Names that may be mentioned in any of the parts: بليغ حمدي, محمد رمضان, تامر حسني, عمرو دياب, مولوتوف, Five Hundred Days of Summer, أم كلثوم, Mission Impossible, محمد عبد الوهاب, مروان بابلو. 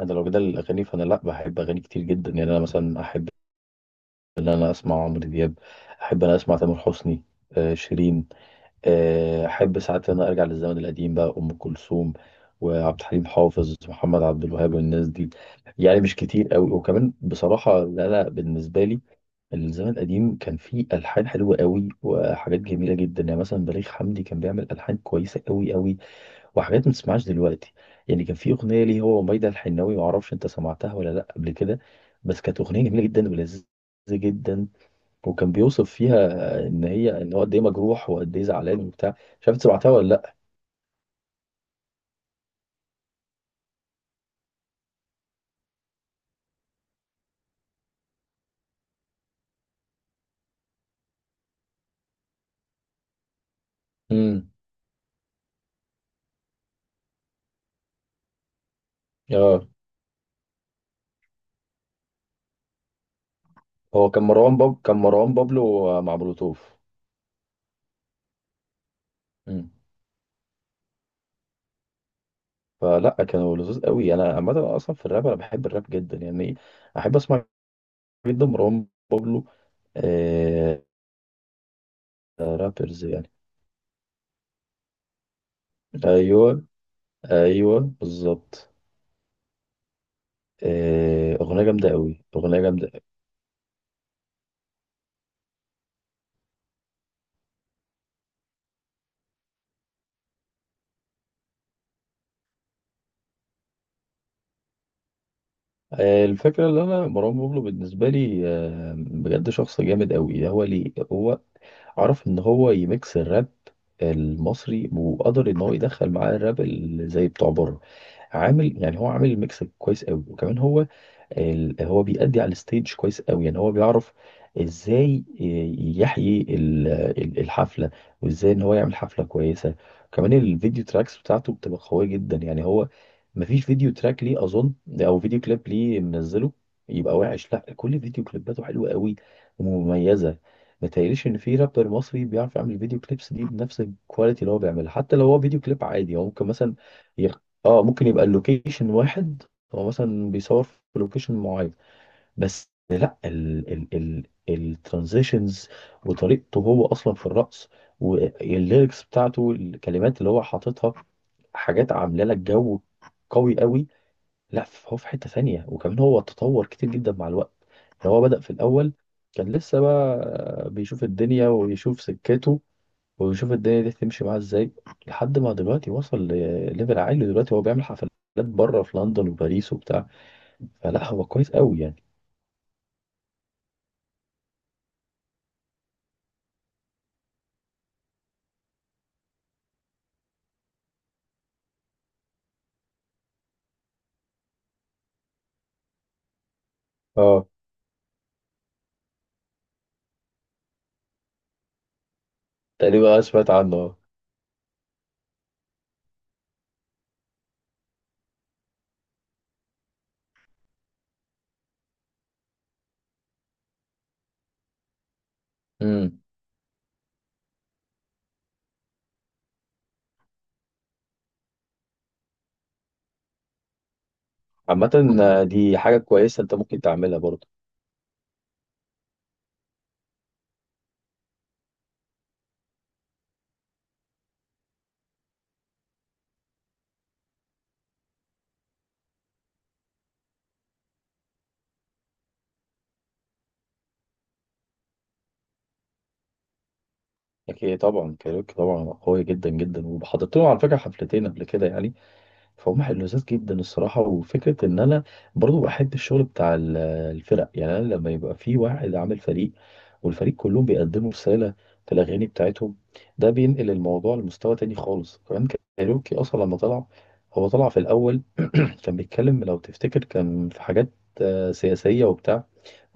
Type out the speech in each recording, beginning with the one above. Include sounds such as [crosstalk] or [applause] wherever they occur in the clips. انا لو جدال الاغاني فانا لا بحب اغاني كتير جدا، يعني انا مثلا احب ان انا اسمع عمرو دياب، احب ان انا اسمع تامر حسني، آه شيرين، آه احب ساعات ان انا ارجع للزمن القديم بقى ام كلثوم وعبد الحليم حافظ محمد عبد الوهاب والناس دي. يعني مش كتير قوي، وكمان بصراحه لا بالنسبه لي الزمن القديم كان فيه الحان حلوه قوي وحاجات جميله جدا. يعني مثلا بليغ حمدي كان بيعمل الحان كويسه قوي قوي، وحاجات ما تسمعهاش دلوقتي. يعني كان في اغنيه ليه هو وميادة الحناوي، ما اعرفش انت سمعتها ولا لا قبل كده، بس كانت اغنيه جميله جدا ولذيذه جدا. وكان بيوصف فيها ان هي، ان هو قد ايه مجروح وقد ايه زعلان وبتاع. مش عارف أنت سمعتها ولا لا. امم. اه. هو كان مروان كان مروان بابلو مع مولوتوف. امم. فلا كانوا لذوذ قوي. انا عامه اصلا في الراب انا بحب الراب جدا يعني، احب اسمع جدا مروان بابلو. آه... آه، رابرز يعني. ايوه ايوه بالظبط. آه، أغنية جامدة أوي أغنية جامدة. آه، الفكرة اللي أنا مروان بابلو بالنسبة لي آه، بجد شخص جامد أوي. هو ليه هو عرف إن هو يميكس الراب المصري، وقدر إن هو يدخل معاه الراب اللي زي بتوع بره. عامل يعني، هو عامل ميكس كويس أوي. وكمان هو هو بيأدي على الستيج كويس قوي. يعني هو بيعرف ازاي يحيي الحفلة، وازاي ان هو يعمل حفلة كويسة. كمان الفيديو تراكس بتاعته بتبقى قوية جدا. يعني هو مفيش فيديو تراك ليه اظن، او فيديو كليب ليه منزله يبقى وحش. لا، كل فيديو كليباته حلوة قوي ومميزة. متهيأليش ان في رابر مصري بيعرف يعمل فيديو كليبس دي بنفس الكواليتي اللي هو بيعملها. حتى لو هو فيديو كليب عادي، هو ممكن مثلا يخ... اه، ممكن يبقى اللوكيشن واحد، هو مثلا بيصور في لوكيشن معين بس ال ال ال الترانزيشنز وطريقته هو اصلا في الرقص، والليركس بتاعته الكلمات اللي هو حاططها، حاجات عامله لك جو قوي قوي. لا هو في حته ثانيه، وكمان هو تطور كتير جدا مع الوقت. يعني هو بدأ في الاول كان لسه بقى بيشوف الدنيا ويشوف سكته، ويشوف الدنيا دي تمشي معاه ازاي، لحد ما دلوقتي وصل لليفل عالي. دلوقتي هو بيعمل حفلات بره في لندن وباريس وبتاع. فلا هو كويس قوي يعني. اه تقريبا أنا سمعت عنه اه. امم. عامة آه، دي حاجة كويسة انت ممكن تعملها برضه. اكيد طبعا كايروكي طبعا قوي جدا جدا. وحضرت لهم على فكرة حفلتين قبل كده يعني، فهم حلوزات جدا الصراحة. وفكرة ان انا برضه بحب الشغل بتاع الفرق. يعني انا لما يبقى في واحد عامل فريق، والفريق كلهم بيقدموا رسالة في الاغاني بتاعتهم، ده بينقل الموضوع لمستوى تاني خالص. كمان كايروكي اصلا لما طلع، هو طلع في الاول كان بيتكلم لو تفتكر، كان في حاجات آه، سياسية وبتاع.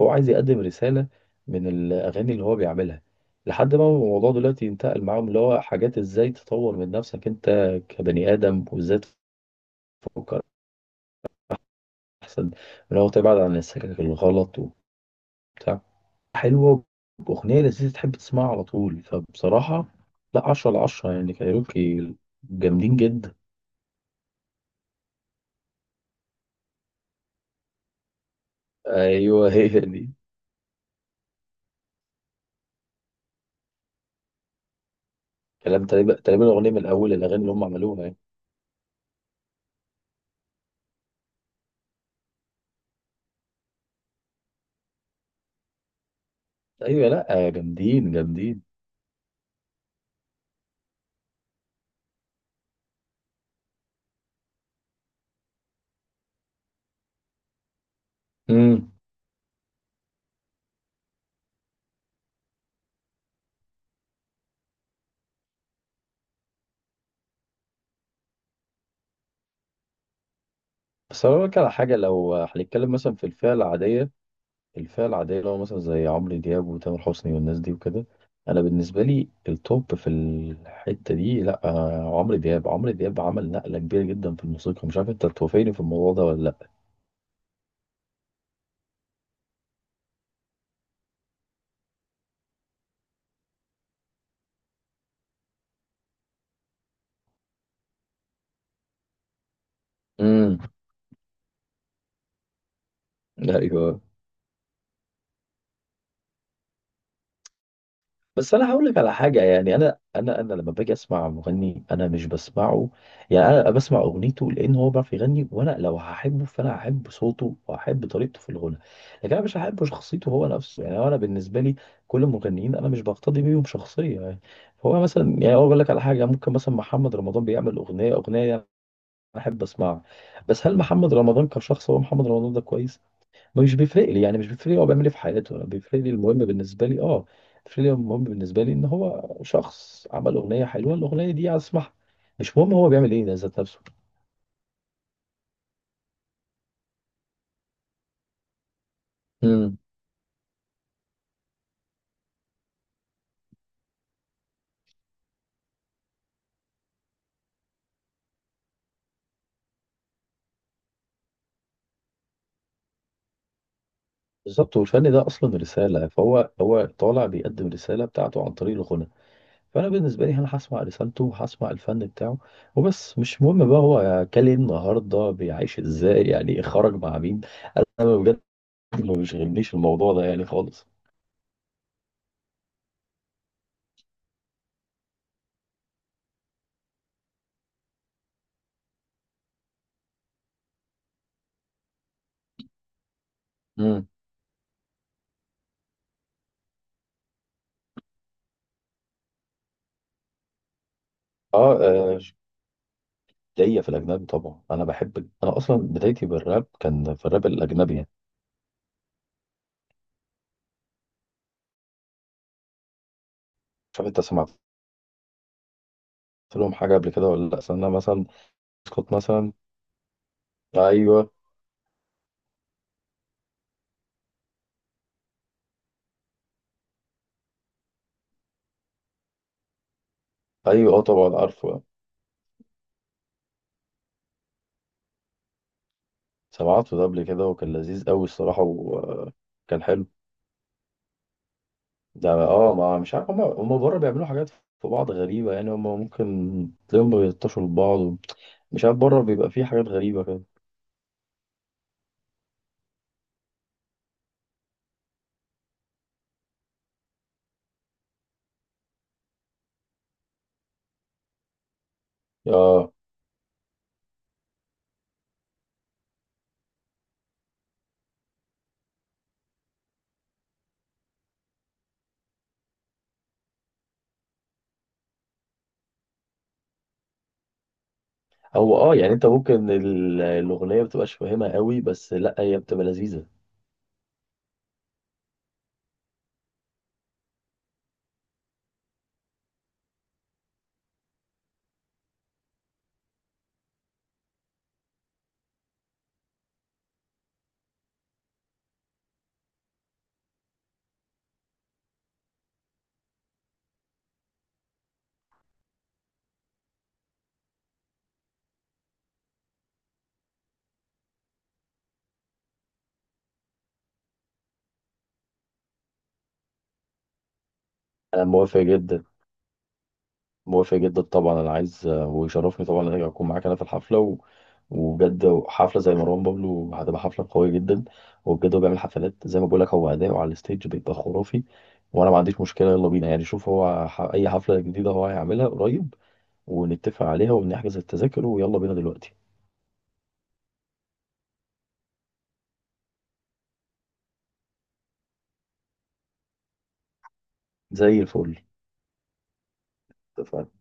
هو عايز يقدم رسالة من الأغاني اللي هو بيعملها. لحد ما الموضوع دلوقتي ينتقل معاهم اللي هو حاجات ازاي تطور من نفسك انت كبني آدم، وازاي تفكر أحسن، من هو تبعد عن السكك الغلط وبتاع. حلوة، وأغنية لذيذة تحب تسمعها على طول. فبصراحة لا، 10 على 10 يعني كايروكي جامدين جدا. أيوه هي دي. كلام تقريبا، تقريبا الأغنية من أول الأغاني اللي هم عملوها يعني. ايوه لا آه، جامدين جامدين. امم. بس انا بقولك على حاجه، لو هنتكلم مثلا في الفئه العاديه، الفئه العاديه اللي هو مثلا زي عمرو دياب وتامر حسني والناس دي وكده، انا بالنسبه لي التوب في الحته دي لا آه، عمرو دياب. عمرو دياب عمل نقله كبيره جدا في الموسيقى، مش عارف انت توافقني في الموضوع ده ولا لا. امم. [laughs] ايوه. بس انا هقول لك على حاجه يعني، انا انا لما باجي اسمع مغني انا مش بسمعه، يعني انا بسمع اغنيته لان هو بيعرف يغني. وانا لو هحبه فانا هحب صوته وهحب طريقته في الغنى، لكن انا مش هحب شخصيته هو نفسه. يعني انا بالنسبه لي كل المغنيين انا مش بقتدي بيهم شخصيه يعني. هو مثلا، يعني اقول لك على حاجه، يعني ممكن مثلا محمد رمضان بيعمل اغنيه، اغنيه انا احب اسمعها، بس هل محمد رمضان كشخص، هو محمد رمضان ده كويس؟ مش بيفرق لي. يعني مش بيفرق لي هو بيعمل ايه في حياته. انا بيفرق لي المهم بالنسبه لي اه، بيفرق لي المهم بالنسبه لي ان هو شخص عمل اغنيه حلوه الاغنيه دي اسمعها. مش مهم هو بيعمل ايه ده ذات نفسه. امم بالظبط. والفن ده اصلا رساله، فهو هو طالع بيقدم رساله بتاعته عن طريق الغنى. فانا بالنسبه لي انا هسمع رسالته وهسمع الفن بتاعه وبس. مش مهم بقى هو كان إيه النهارده، بيعيش ازاي، يعني إيه، خرج مع مين. انا بجد ما بيشغلنيش الموضوع ده يعني خالص. امم. اه آه، ليا في الأجنبي طبعا أنا بحب. أنا أصلا بدايتي بالراب كان في الراب الأجنبي يعني. مش عارف أنت سمعت لهم حاجة قبل كده ولا لأ؟ أصل أنا مثلا سكوت مثلا. أيوه. أيوه أه طبعا عارفه. سمعته ده قبل كده وكان لذيذ أوي الصراحة وكان حلو. ده أه ما مش عارف، هما بره بيعملوا حاجات في بعض غريبة. يعني هما ممكن تلاقيهم بيلطشوا لبعض، مش عارف بره بيبقى فيه حاجات غريبة كده. أه. هو أه يعني أنت ممكن الأغنية مبتبقاش فاهمها أوي بس لأ هي بتبقى لذيذة. أنا موافق جدا. موافق جدا طبعا. انا عايز ويشرفني طبعا ان انا اكون معاك انا في الحفله وبجد حفله زي مروان بابلو هتبقى حفله قويه جدا. وبجد هو بيعمل حفلات زي ما بقول لك. هو اداؤه على الستيج بيبقى خرافي، وانا ما عنديش مشكله. يلا بينا يعني، شوف هو اي حفله جديده هو هيعملها قريب ونتفق عليها ونحجز التذاكر، ويلا بينا دلوقتي. زي الفل. اتفقنا.